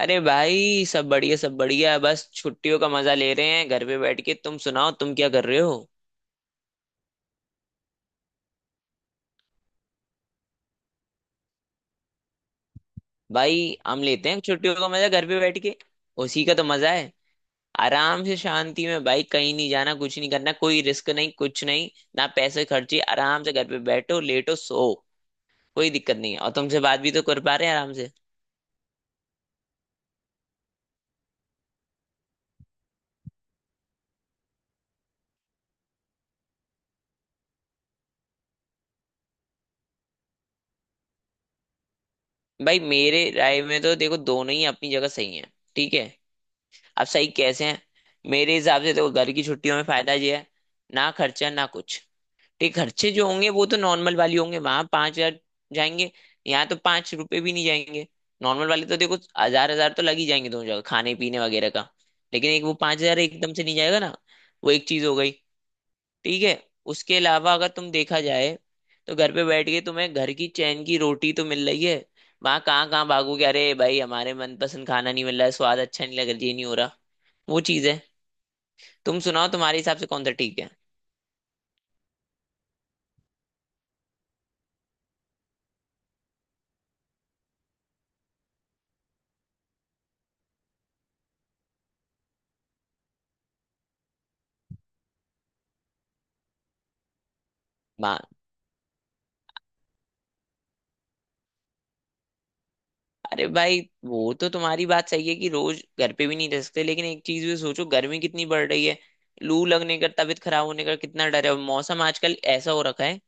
अरे भाई, सब बढ़िया है। बस छुट्टियों का मजा ले रहे हैं घर पे बैठ के। तुम सुनाओ, तुम क्या कर रहे हो। भाई हम लेते हैं छुट्टियों का मजा घर पे बैठ के। उसी का तो मजा है। आराम से शांति में भाई, कहीं नहीं जाना, कुछ नहीं करना, कोई रिस्क नहीं, कुछ नहीं। ना पैसे खर्चे, आराम से घर पे बैठो, लेटो, सो। कोई दिक्कत नहीं है, और तुमसे बात भी तो कर पा रहे हैं आराम से। भाई मेरे राय में तो देखो, दोनों ही अपनी जगह सही हैं, ठीक है। अब सही कैसे हैं, मेरे हिसाब से देखो, घर की छुट्टियों में फायदा ये है, ना खर्चा ना कुछ। ये खर्चे जो होंगे वो तो नॉर्मल वाली होंगे, वहां 5 हजार जाएंगे, यहाँ तो 5 रुपए भी नहीं जाएंगे। नॉर्मल वाले तो देखो हजार हजार तो लग ही जाएंगे दोनों जगह खाने पीने वगैरह का, लेकिन एक वो 5 हजार एकदम से नहीं जाएगा ना। वो एक चीज हो गई, ठीक है। उसके अलावा अगर तुम देखा जाए, तो घर पे बैठ के तुम्हें घर की चैन की रोटी तो मिल रही है। वहां कहाँ कहाँ भागोगे, अरे भाई हमारे मनपसंद खाना नहीं मिल रहा है, स्वाद अच्छा नहीं लग रहा, ये नहीं हो रहा, वो चीज है। तुम सुनाओ तुम्हारे हिसाब से कौन सा ठीक है। अरे भाई, वो तो तुम्हारी बात सही है कि रोज घर पे भी नहीं रह सकते, लेकिन एक चीज भी सोचो, गर्मी कितनी बढ़ रही है। लू लगने का, तबीयत खराब होने का कितना डर है, और मौसम आजकल ऐसा हो रखा है,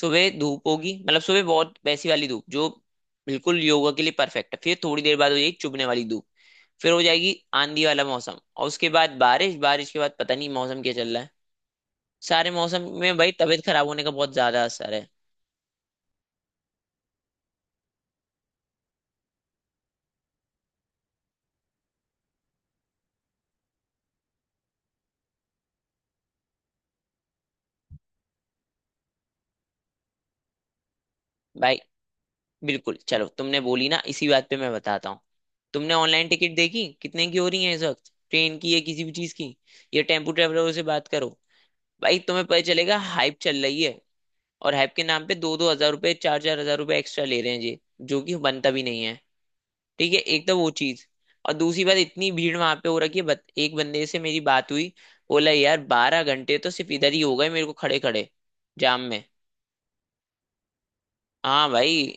सुबह धूप होगी, मतलब सुबह बहुत वैसी वाली धूप जो बिल्कुल योगा के लिए परफेक्ट है, फिर थोड़ी देर बाद हो जाएगी चुभने वाली धूप, फिर हो जाएगी आंधी वाला मौसम, और उसके बाद बारिश, बारिश के बाद पता नहीं मौसम क्या चल रहा है। सारे मौसम में भाई तबीयत खराब होने का बहुत ज्यादा असर है। भाई बिल्कुल, चलो तुमने बोली ना, इसी बात पे मैं बताता हूँ। तुमने ऑनलाइन टिकट देखी कितने की हो रही है इस वक्त, ट्रेन की या किसी भी चीज की, या टेम्पू ट्रेवलरों से बात करो, भाई तुम्हें पता चलेगा, हाइप चल रही है। और हाइप के नाम पे दो दो हजार रुपये, चार चार हजार रुपये एक्स्ट्रा ले रहे हैं ये, जो कि बनता भी नहीं है। ठीक है, एक तो वो चीज। और दूसरी बात, इतनी भीड़ वहां पे हो रखी है, एक बंदे से मेरी बात हुई, बोला यार 12 घंटे तो सिर्फ इधर ही हो गए मेरे को खड़े खड़े, जाम में। हाँ भाई,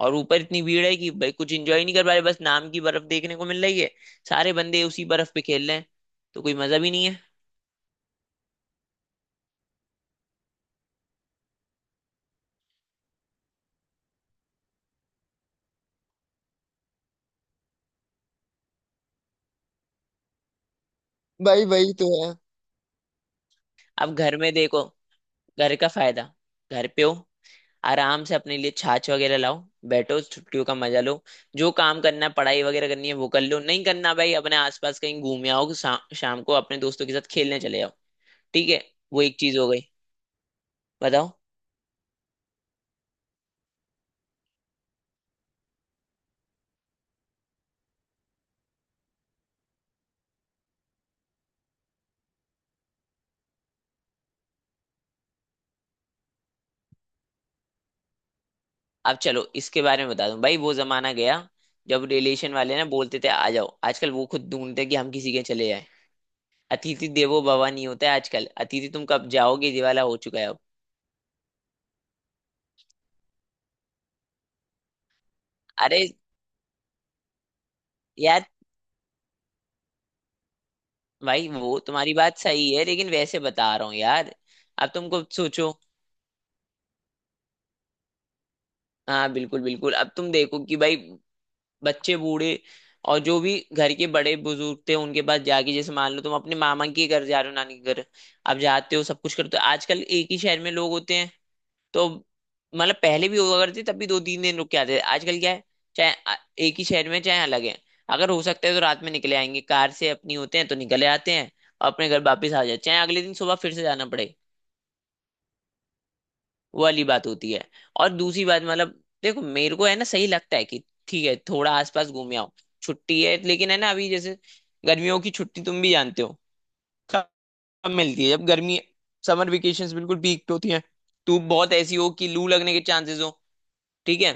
और ऊपर इतनी भीड़ है कि भाई कुछ एंजॉय नहीं कर पा रहे, बस नाम की बर्फ देखने को मिल रही है, सारे बंदे उसी बर्फ पे खेल रहे हैं, तो कोई मजा भी नहीं है। भाई वही तो है, अब घर में देखो, घर का फायदा, घर पे हो, आराम से अपने लिए छाछ वगैरह लाओ, बैठो, छुट्टियों का मजा लो। जो काम करना है, पढ़ाई वगैरह करनी है, वो कर लो, नहीं करना भाई अपने आसपास कहीं घूम आओ, शाम को अपने दोस्तों के साथ खेलने चले जाओ, ठीक है। वो एक चीज हो गई, बताओ। अब चलो इसके बारे में बता दूं, भाई वो जमाना गया जब रिलेशन वाले ना बोलते थे आ जाओ, आजकल वो खुद ढूंढते हैं कि हम किसी के चले जाएं। अतिथि देवो भव नहीं होता है आजकल, अतिथि तुम कब जाओगे, ये वाला हो चुका है अब। अरे यार, भाई वो तुम्हारी बात सही है, लेकिन वैसे बता रहा हूँ यार। अब तुम खुद सोचो। हाँ बिल्कुल बिल्कुल, अब तुम देखो कि भाई, बच्चे बूढ़े और जो भी घर के बड़े बुजुर्ग थे उनके पास जाके, जैसे मान लो तुम अपने मामा के घर जा रहे हो, नानी के घर, अब जाते हो, सब कुछ करते हो, आजकल एक ही शहर में लोग होते हैं। तो मतलब पहले भी हुआ करती, तब भी 2-3 दिन रुक के आते थे, आजकल क्या है, चाहे आ- एक ही शहर में चाहे अलग है, अगर हो सकता है तो रात में निकले आएंगे, कार से अपनी होते हैं तो निकले आते हैं, और अपने घर वापस आ जाते हैं, चाहे अगले दिन सुबह फिर से जाना पड़े। वो वाली बात होती है। और दूसरी बात, मतलब देखो मेरे को है ना, सही लगता है कि ठीक है थोड़ा आसपास घूम आओ, छुट्टी है, लेकिन है ना, अभी जैसे गर्मियों की छुट्टी तुम भी जानते हो कब मिलती है, जब गर्मी, समर वेकेशंस बिल्कुल पीक पे होती हैं, तो बहुत ऐसी हो कि लू लगने के चांसेस हो, ठीक है।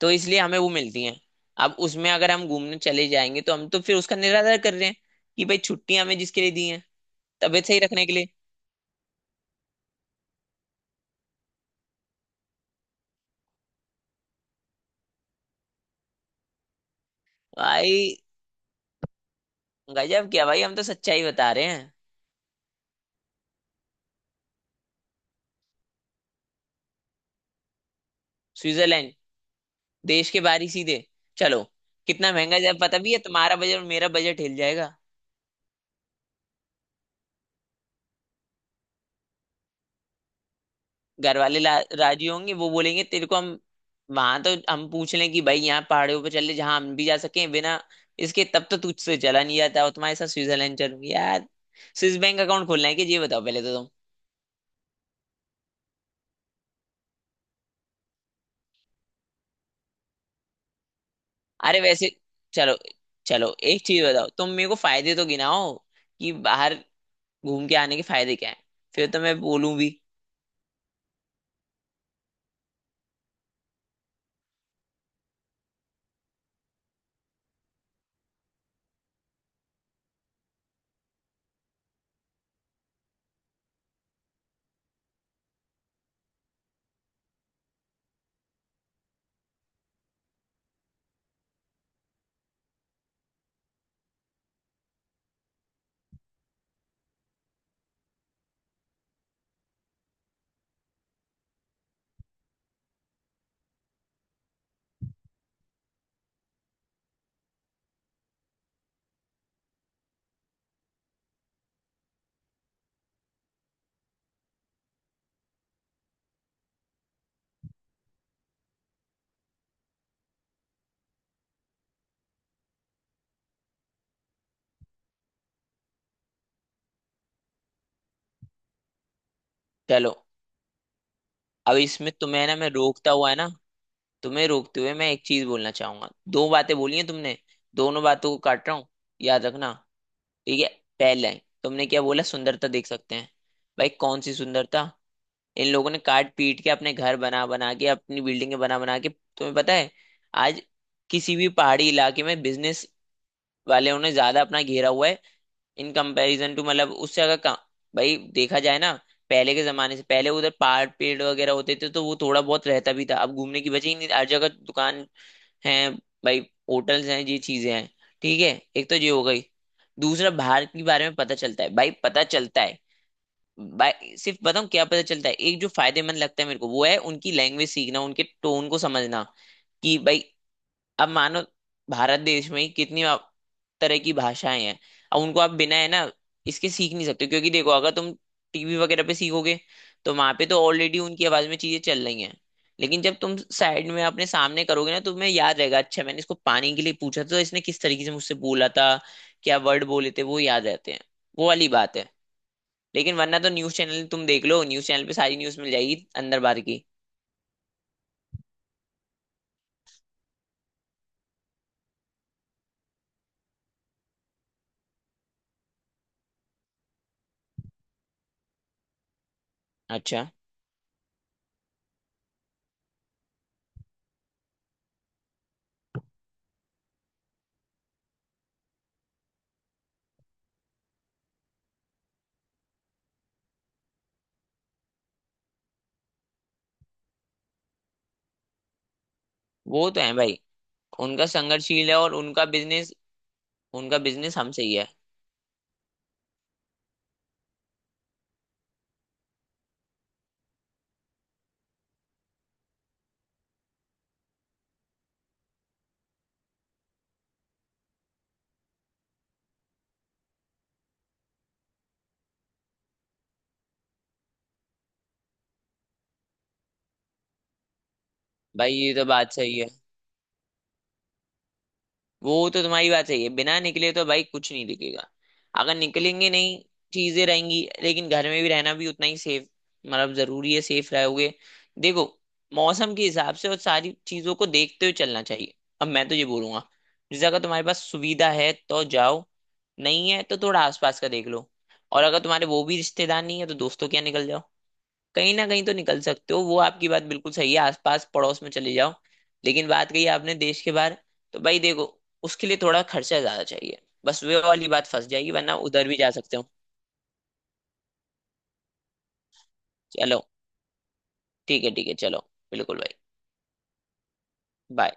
तो इसलिए हमें वो मिलती हैं, अब उसमें अगर हम घूमने चले जाएंगे, तो हम तो फिर उसका निरादर कर रहे हैं, कि भाई छुट्टियां हमें जिसके लिए दी हैं, तबीयत सही रखने के लिए। भाई गजब क्या भाई, हम तो सच्चाई बता रहे हैं। स्विट्जरलैंड, देश के बाहर ही सीधे, चलो, कितना महंगा जाए पता भी है, तुम्हारा बजट और मेरा बजट हिल जाएगा। घर वाले राजी होंगे, वो बोलेंगे तेरे को हम, वहां तो हम पूछ लें कि भाई यहाँ पहाड़ियों पर चल ले जहाँ हम भी जा सकें, बिना इसके तब तो तुझसे चला नहीं जाता, और तुम्हारे साथ स्विट्जरलैंड चलूंगी यार। स्विस बैंक अकाउंट खोलना है कि ये बताओ पहले तो तुम। अरे वैसे, चलो चलो, एक चीज बताओ तुम, मेरे को फायदे तो गिनाओ कि बाहर घूम के आने के फायदे क्या है, फिर तो मैं बोलूं भी। चलो, अब इसमें तुम्हें ना मैं रोकता हुआ है ना, तुम्हें रोकते हुए मैं एक चीज बोलना चाहूंगा। दो बातें बोली हैं तुमने, दोनों बातों को काट रहा हूँ, याद रखना, ठीक है। पहले तुमने क्या बोला, सुंदरता देख सकते हैं, भाई कौन सी सुंदरता, इन लोगों ने काट पीट के अपने घर बना बना के अपनी बिल्डिंगें बना बना के, तुम्हें पता है आज किसी भी पहाड़ी इलाके में बिजनेस वाले उन्हें ज्यादा अपना घेरा हुआ है, इन कंपैरिजन टू मतलब उससे अगर भाई देखा जाए ना, पहले के जमाने से पहले उधर पहाड़ पेड़ वगैरह होते थे तो वो थोड़ा बहुत रहता भी था, अब घूमने की वजह ही नहीं, हर जगह दुकान है भाई, होटल्स हैं, ये चीजें हैं, ठीक है। एक तो ये हो गई। दूसरा, भारत के बारे में पता चलता है भाई, पता चलता है। भाई सिर्फ बताऊं क्या पता चलता है, एक जो फायदेमंद लगता है मेरे को वो है उनकी लैंग्वेज सीखना, उनके टोन को समझना, कि भाई अब मानो भारत देश में ही कितनी तरह की भाषाएं हैं। अब उनको आप बिना है ना इसके सीख नहीं सकते, क्योंकि देखो अगर तुम टीवी वगैरह पे सीखोगे तो वहां पे तो ऑलरेडी उनकी आवाज में चीजें चल रही हैं, लेकिन जब तुम साइड में अपने सामने करोगे ना, तुम्हें याद रहेगा, अच्छा मैंने इसको पानी के लिए पूछा था तो इसने किस तरीके से मुझसे बोला था, क्या वर्ड बोले थे, वो याद रहते हैं, वो वाली बात है। लेकिन वरना तो न्यूज चैनल तुम देख लो, न्यूज चैनल पे सारी न्यूज मिल जाएगी अंदर बाहर की। अच्छा, वो तो है भाई, उनका संघर्षशील है, और उनका बिजनेस, उनका बिजनेस हमसे ही है। भाई ये तो बात सही है, वो तो तुम्हारी बात सही है, बिना निकले तो भाई कुछ नहीं दिखेगा, अगर निकलेंगे नहीं। चीजें रहेंगी, लेकिन घर में भी रहना भी उतना ही सेफ, मतलब जरूरी है, सेफ रहोगे। देखो, मौसम के हिसाब से और सारी चीजों को देखते हुए चलना चाहिए। अब मैं तो ये बोलूंगा, जैसे अगर तुम्हारे पास सुविधा है तो जाओ, नहीं है तो थोड़ा आसपास का देख लो, और अगर तुम्हारे वो भी रिश्तेदार नहीं है तो दोस्तों के यहाँ निकल जाओ, कहीं ना कहीं तो निकल सकते हो, वो आपकी बात बिल्कुल सही है, आसपास पड़ोस में चले जाओ। लेकिन बात कही आपने देश के बाहर, तो भाई देखो, उसके लिए थोड़ा खर्चा ज्यादा चाहिए, बस वे वाली बात फंस जाएगी, वरना उधर भी जा सकते हो। चलो, ठीक है, ठीक है चलो, बिल्कुल भाई। बाय।